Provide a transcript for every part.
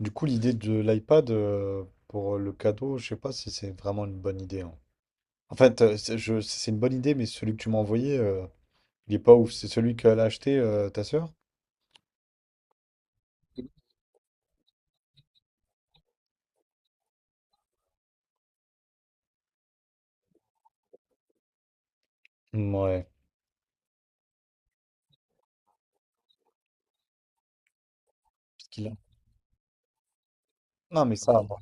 Du coup, l'idée de l'iPad pour le cadeau, je sais pas si c'est vraiment une bonne idée, hein. En fait, c'est une bonne idée, mais celui que tu m'as envoyé, il est pas ouf. C'est celui qu'elle a acheté, ta sœur? Ouais. Parce qu'il a- Non, mais ça, bon,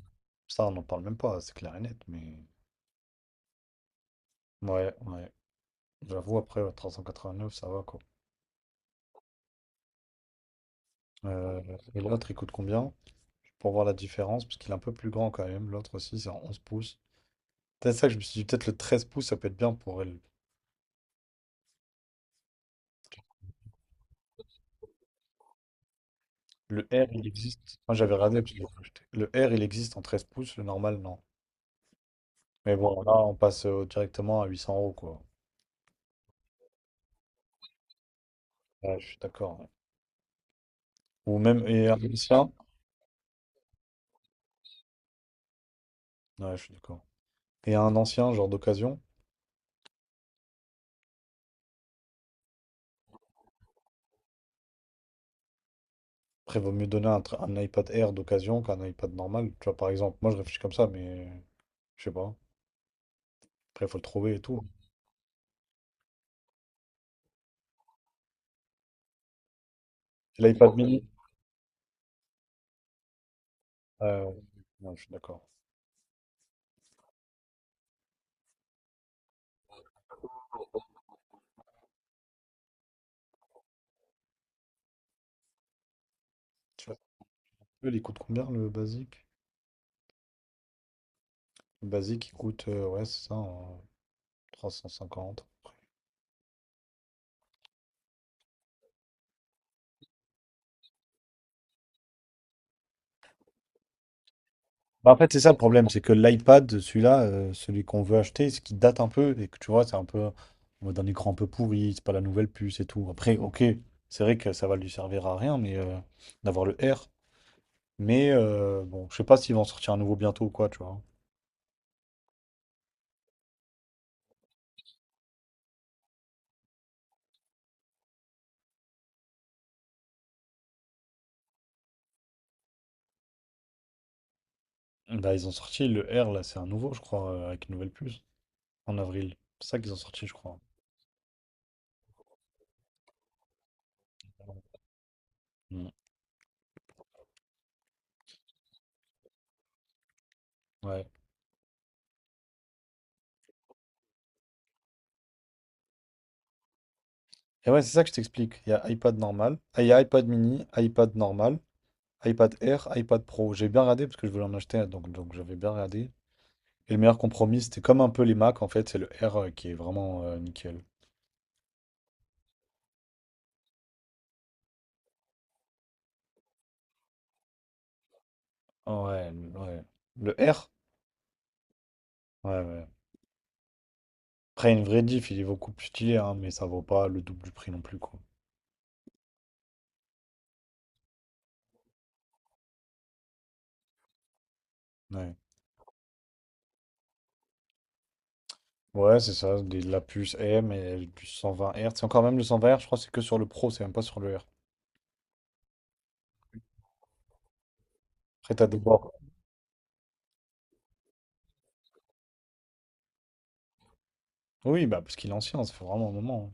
ça, on n'en parle même pas, c'est clair et net. Mais ouais, ouais. J'avoue, après ouais, neuf ça va quoi. Euh, et l'autre, il coûte combien? Pour voir la différence, parce qu'il est un peu plus grand quand même. L'autre aussi, c'est en 11 pouces. C'est ça que je me suis dit, peut-être le 13 pouces, ça peut être bien pour elle. Le R, il existe. Moi, j'avais regardé parce que j'ai acheté. Le R, il existe en 13 pouces, le normal, non. Mais bon, là, on passe directement à 800 euros, quoi. Ouais, je suis d'accord, ouais. Ou même, et un ancien. Ouais, je suis d'accord. Et un ancien, genre d'occasion. Après, vaut mieux donner un iPad Air d'occasion qu'un iPad normal. Tu vois, par exemple, moi, je réfléchis comme ça, mais je sais pas. Après, il faut le trouver et tout. Et l'iPad mini. Ouais, ouais, je suis d'accord. Tu vois, il coûte combien le basique? Le basique, il coûte, ouais, c'est ça, en 350. Bah, en fait, c'est ça le problème, c'est que l'iPad, celui-là, celui qu'on veut acheter, ce qui date un peu, et que tu vois, c'est un peu en mode un écran un peu pourri, c'est pas la nouvelle puce et tout. Après, ok, c'est vrai que ça va lui servir à rien, mais d'avoir le R. Mais bon, je sais pas s'ils vont en sortir un nouveau bientôt ou quoi, tu vois. Bah, ils ont sorti le R, là, c'est un nouveau, je crois, avec une nouvelle puce, en avril. C'est ça qu'ils ont sorti, je crois. Mm. Ouais. Et ouais, c'est ça que je t'explique. Il y a iPad normal, ah, il y a iPad mini, iPad normal. iPad Air, iPad Pro. J'ai bien regardé parce que je voulais en acheter un, donc j'avais bien regardé. Et le meilleur compromis, c'était comme un peu les Mac, en fait, c'est le R qui est vraiment nickel. Ah ouais, ouais. Le R? Ouais, ouais. Après, une vraie diff, il est beaucoup plus stylé, hein, mais ça vaut pas le double du prix non plus, quoi. Ouais. Ouais, c'est ça, la puce M et la puce 120 Hz. C'est encore même le 120 Hz, je crois, que c'est que sur le Pro, c'est même pas sur le R. Après, t'as des bords. Oui, bah, parce qu'il est ancien, ça fait vraiment un moment, hein.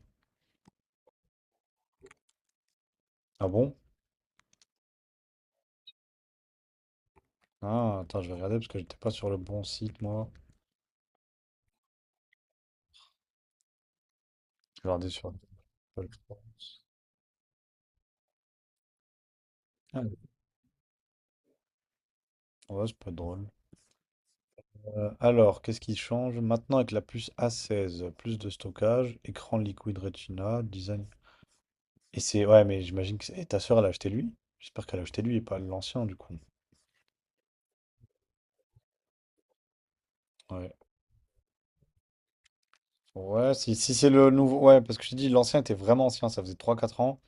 Ah bon? Ah, attends, je vais regarder parce que j'étais pas sur le bon site, moi. Je vais regarder sur. Ah, ouais, c'est pas drôle. Alors, qu'est-ce qui change? Maintenant, avec la puce A16, plus de stockage, écran Liquid Retina, design. Et c'est. Ouais, mais j'imagine que. Et ta soeur, elle a acheté lui? J'espère qu'elle a acheté lui et pas l'ancien, du coup. Ouais. Ouais, si c'est le nouveau. Ouais, parce que je t'ai dit, l'ancien était vraiment ancien, ça faisait trois quatre ans.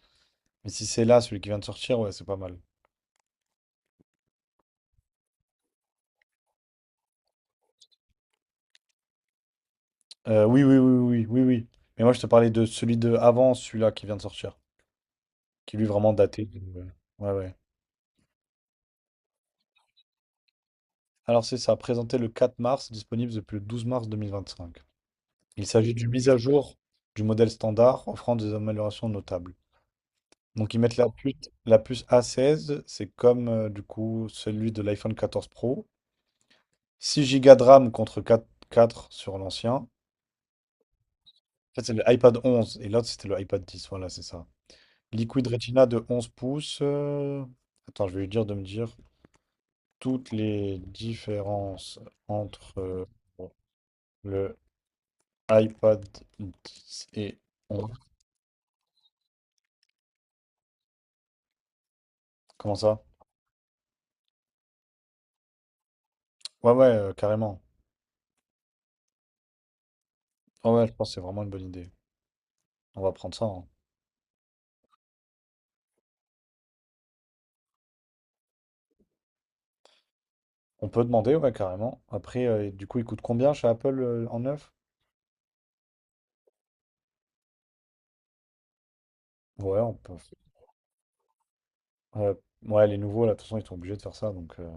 Mais si c'est là, celui qui vient de sortir, ouais, c'est pas mal. Oui, oui, oui, oui, oui, oui. Mais moi, je te parlais de celui de avant, celui-là qui vient de sortir. Qui lui, est vraiment daté. Ouais, ouais. Alors, c'est ça, présenté le 4 mars, disponible depuis le 12 mars 2025. Il s'agit d'une mise à jour du modèle standard, offrant des améliorations notables. Donc ils mettent la puce A16, c'est comme du coup celui de l'iPhone 14 Pro. 6 Go de RAM contre 4 4 sur l'ancien. En fait, c'est le iPad 11 et l'autre c'était le iPad 10, voilà, c'est ça. Liquid Retina de 11 pouces. Attends, je vais lui dire de me dire toutes les différences entre euh, le iPad 10 et 11. Comment ça? Ouais, ouais, carrément. Ah ouais, je pense que c'est vraiment une bonne idée. On va prendre ça, hein. On peut demander, ouais, carrément. Après, du coup, il coûte combien chez Apple en neuf? Ouais, on peut. Ouais, ouais, les nouveaux, là, de toute façon, ils sont obligés de faire ça. Donc.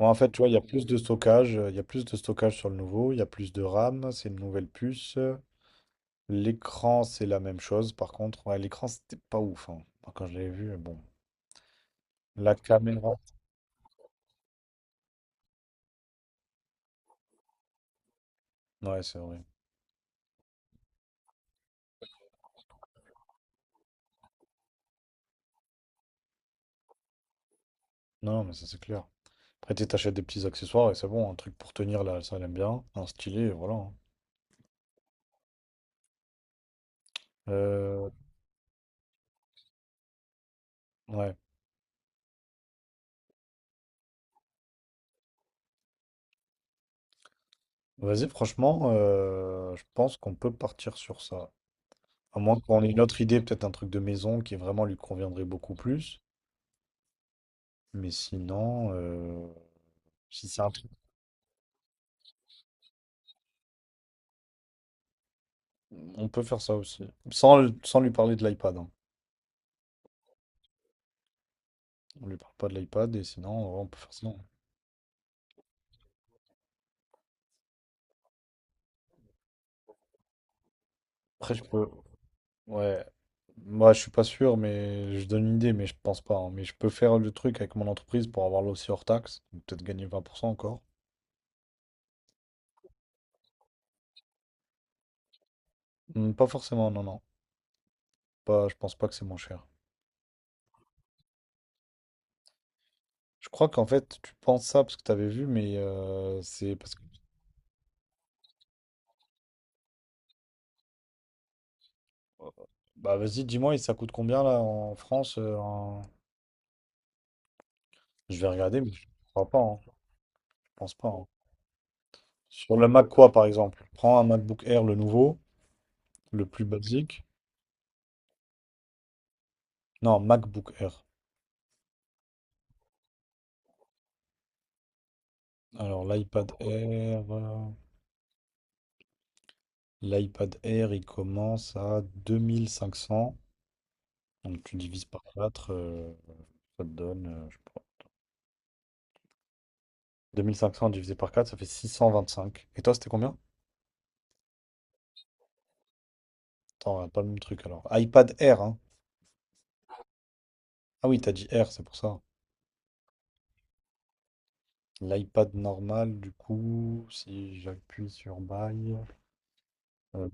Ouais, en fait, tu vois, il y a plus de stockage. Il y a plus de stockage sur le nouveau. Il y a plus de RAM. C'est une nouvelle puce. L'écran, c'est la même chose. Par contre, ouais, l'écran, c'était pas ouf, hein. Moi, quand je l'avais vu, bon. La caméra. Ouais, c'est vrai. Non, mais ça, c'est clair. Après, tu sais, t'achètes des petits accessoires et c'est bon. Un truc pour tenir, là, ça, elle aime bien. Un stylet, et voilà, hein. Euh, Ouais. Vas-y, franchement, je pense qu'on peut partir sur ça. À moins qu'on ait une autre idée, peut-être un truc de maison qui vraiment lui conviendrait beaucoup plus. Mais sinon, si c'est un truc, on peut faire ça aussi. Sans lui parler de l'iPad, hein. On lui parle pas de l'iPad et sinon, ouais, on peut faire ça. Après, je peux. Ouais. Moi, je suis pas sûr, mais je donne une idée, mais je pense pas, hein. Mais je peux faire le truc avec mon entreprise pour avoir là aussi hors taxe. Donc peut-être gagner 20% encore. Pas forcément, non, non. Pas, je pense pas que c'est moins cher. Je crois qu'en fait, tu penses ça parce que tu avais vu, mais c'est parce que. Oh, oh, bah vas-y, dis-moi, et ça coûte combien là en France Je vais regarder, mais je crois pas, hein. Je pense pas, hein. Sur le Mac quoi, par exemple? Prends un MacBook Air, le nouveau, le plus basique. Non, MacBook Air. Alors, l'iPad Air. L'iPad Air, il commence à 2 500. Donc, tu divises par 4, ça te donne, je sais pas. 2 500 divisé par 4, ça fait 625. Et toi, c'était combien? Attends, on pas le même truc alors. iPad Air, hein. Ah oui, t'as dit Air, c'est pour ça. L'iPad normal, du coup, si j'appuie sur Buy, euh,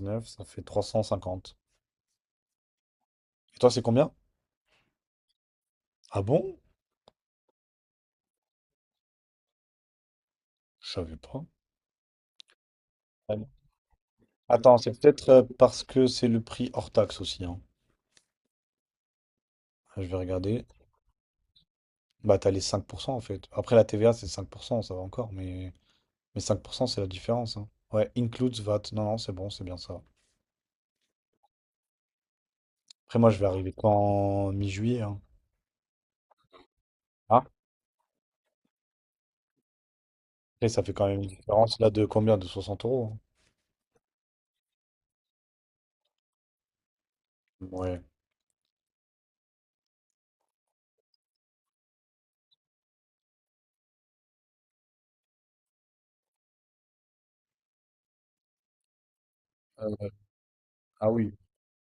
neuf ça fait 350. Et toi, c'est combien? Ah bon? Je savais pas. Ah bon. Attends, c'est peut-être parce que c'est le prix hors taxe aussi, hein. Je vais regarder. Bah, t'as les 5% en fait. Après, la TVA, c'est 5%, ça va encore, mais 5%, c'est la différence, hein. Ouais, includes VAT. Non, non, c'est bon, c'est bien ça. Après, moi, je vais arriver qu'en mi-juillet, hein. Ah. Après ça fait quand même une différence là de combien? De 60 euros? Ouais. Euh, ah oui,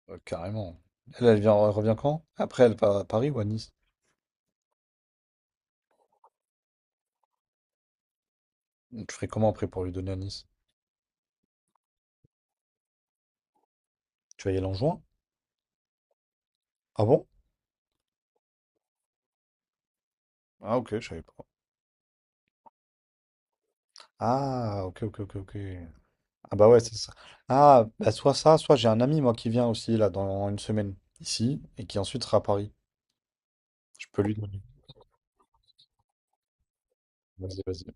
carrément. Elle, elle revient quand? Après, elle part à Paris ou à Nice? Tu ferais comment après pour lui donner à Nice? Tu vas y aller en juin? Ah bon? Ah ok, je savais pas. Ah ok, ok, ok, ok. Ah bah ouais, c'est ça. Ah, bah soit ça, soit j'ai un ami moi qui vient aussi là dans une semaine ici et qui ensuite sera à Paris. Je peux lui donner. Vas-y, vas-y.